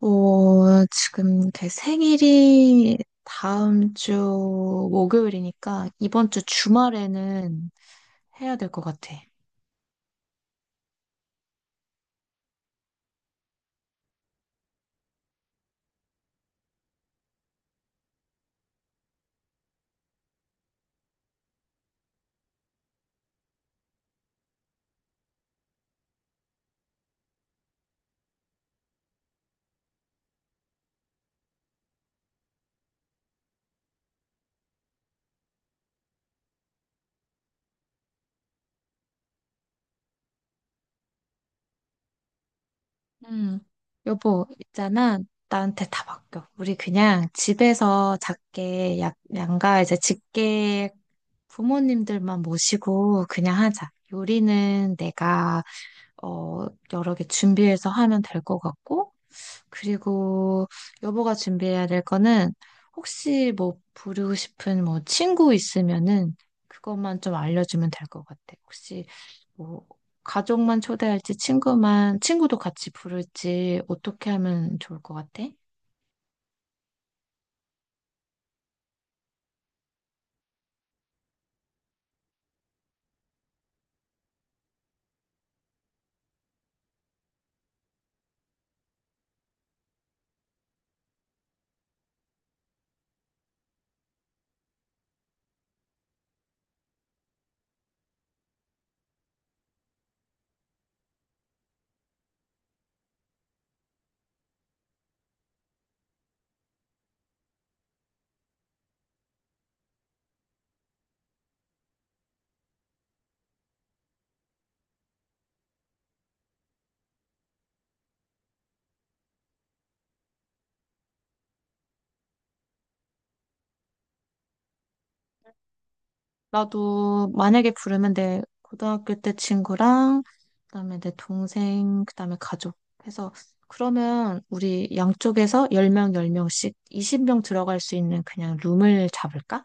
어, 지금 제 생일이 다음 주 목요일이니까 이번 주 주말에는 해야 될 것 같아. 음, 여보, 있잖아. 나한테 다 맡겨. 우리 그냥 집에서 작게 양가 이제 직계 부모님들만 모시고 그냥 하자. 요리는 내가 어, 여러 개 준비해서 하면 될 것 같고. 그리고 여보가 준비해야 될 거는 혹시 뭐 부르고 싶은 뭐 친구 있으면은 그것만 좀 알려주면 될 것 같아. 혹시 뭐 가족만 초대할지 친구만 친구도 같이 부를지 어떻게 하면 좋을 것 같아? 나도 만약에 부르면 내 고등학교 때 친구랑 그다음에 내 동생 그다음에 가족 해서 그러면 우리 양쪽에서 10명 10명씩 20명 들어갈 수 있는 그냥 룸을 잡을까?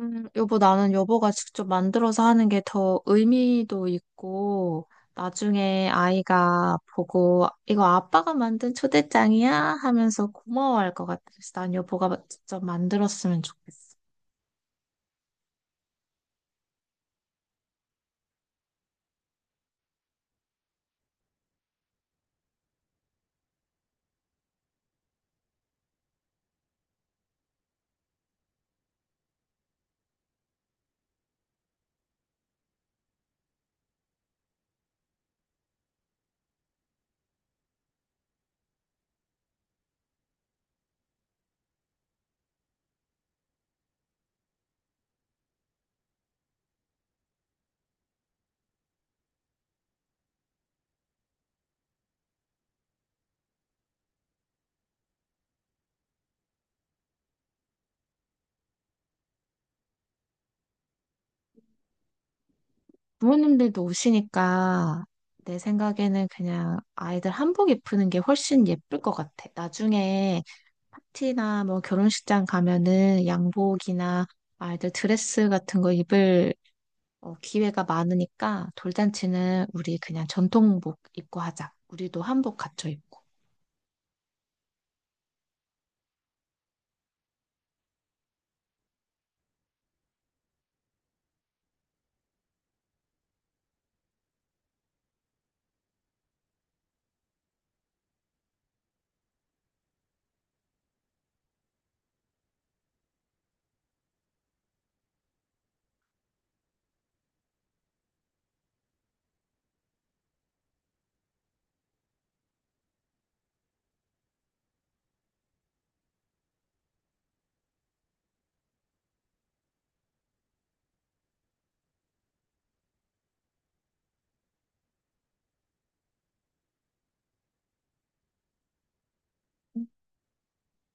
여보, 나는 여보가 직접 만들어서 하는 게 더 의미도 있고, 나중에 아이가 보고, 이거 아빠가 만든 초대장이야? 하면서 고마워할 것 같아. 그래서 난 여보가 직접 만들었으면 좋겠어. 부모님들도 오시니까, 내 생각에는 그냥 아이들 한복 입히는 게 훨씬 예쁠 것 같아. 나중에 파티나 뭐 결혼식장 가면은 양복이나 아이들 드레스 같은 거 입을 기회가 많으니까 돌잔치는 우리 그냥 전통복 입고 하자. 우리도 한복 갖춰 입고.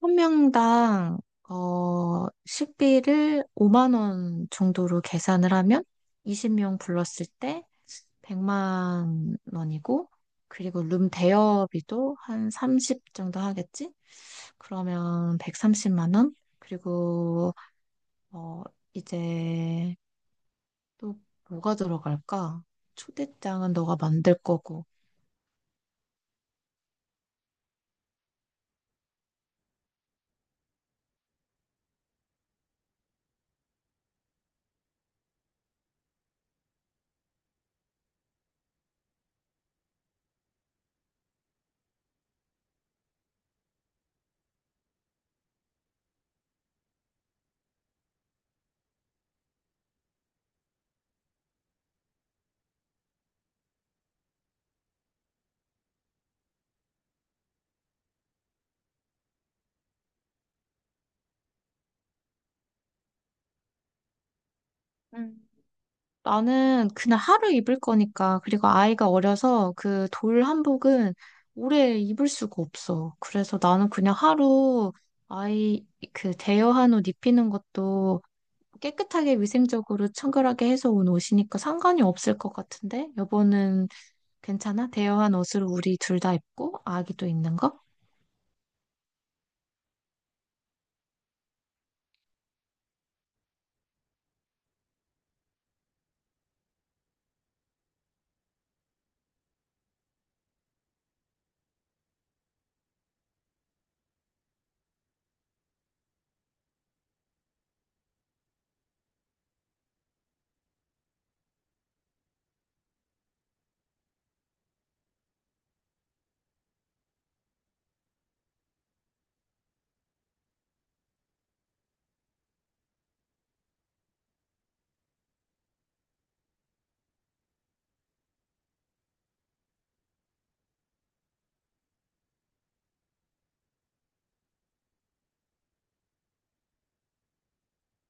한 명당 식비를 5만 원 정도로 계산을 하면 20명 불렀을 때 100만 원이고, 그리고 룸 대여비도 한 30 정도 하겠지? 그러면 130만 원? 그리고 어, 이제 또 뭐가 들어갈까? 초대장은 너가 만들 거고. 음. 나는 그냥 하루 입을 거니까, 그리고 아이가 어려서 그 돌 한복은 오래 입을 수가 없어. 그래서 나는 그냥 하루 아이 그 대여한 옷 입히는 것도 깨끗하게 위생적으로 청결하게 해서 온 옷이니까 상관이 없을 것 같은데? 여보는 괜찮아? 대여한 옷으로 우리 둘 다 입고 아기도 입는 거?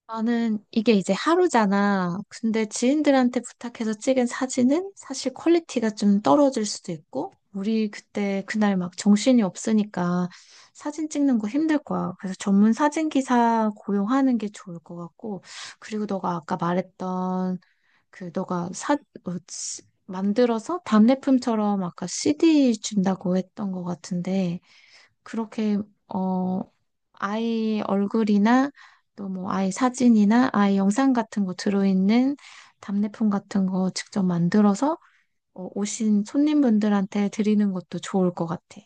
나는 이게 이제 하루잖아. 근데 지인들한테 부탁해서 찍은 사진은 사실 퀄리티가 좀 떨어질 수도 있고, 우리 그때 그날 막 정신이 없으니까 사진 찍는 거 힘들 거야. 그래서 전문 사진 기사 고용하는 게 좋을 것 같고, 그리고 너가 아까 말했던 그 너가 사, 어, 시- 만들어서 답례품처럼 아까 CD 준다고 했던 것 같은데, 그렇게 어, 아이 얼굴이나 또 뭐 아이 사진이나 아이 영상 같은 거 들어있는 답례품 같은 거 직접 만들어서 오신 손님분들한테 드리는 것도 좋을 것 같아.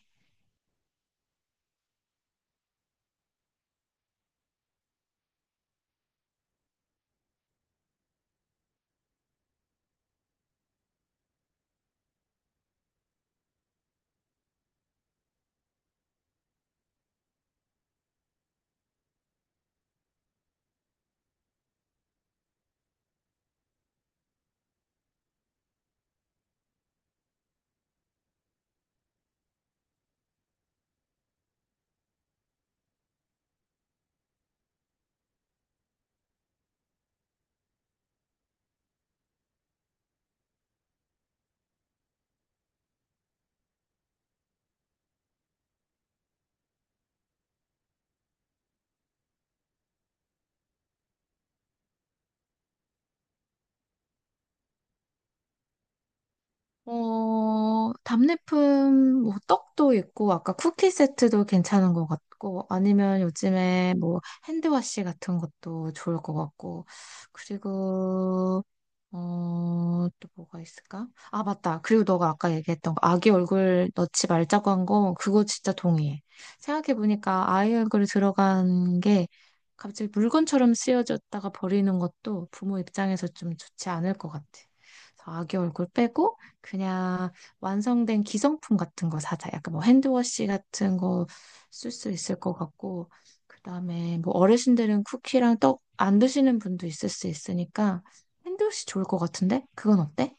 답례품 뭐 떡도 있고 아까 쿠키 세트도 괜찮은 것 같고 아니면 요즘에 뭐 핸드워시 같은 것도 좋을 것 같고. 그리고 또 뭐가 있을까? 아, 맞다. 그리고 너가 아까 얘기했던 거, 아기 얼굴 넣지 말자고 한 거, 그거 진짜 동의해. 생각해보니까 아이 얼굴이 들어간 게 갑자기 물건처럼 쓰여졌다가 버리는 것도 부모 입장에서 좀 좋지 않을 것 같아. 그래서 아기 얼굴 빼고 그냥 완성된 기성품 같은 거 사자. 약간 뭐 핸드워시 같은 거 쓸 수 있을 것 같고, 그다음에 뭐 어르신들은 쿠키랑 떡 안 드시는 분도 있을 수 있으니까 핸드워시 좋을 것 같은데? 그건 어때?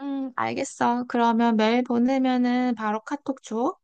알겠어. 그러면 메일 보내면은 바로 카톡 줘.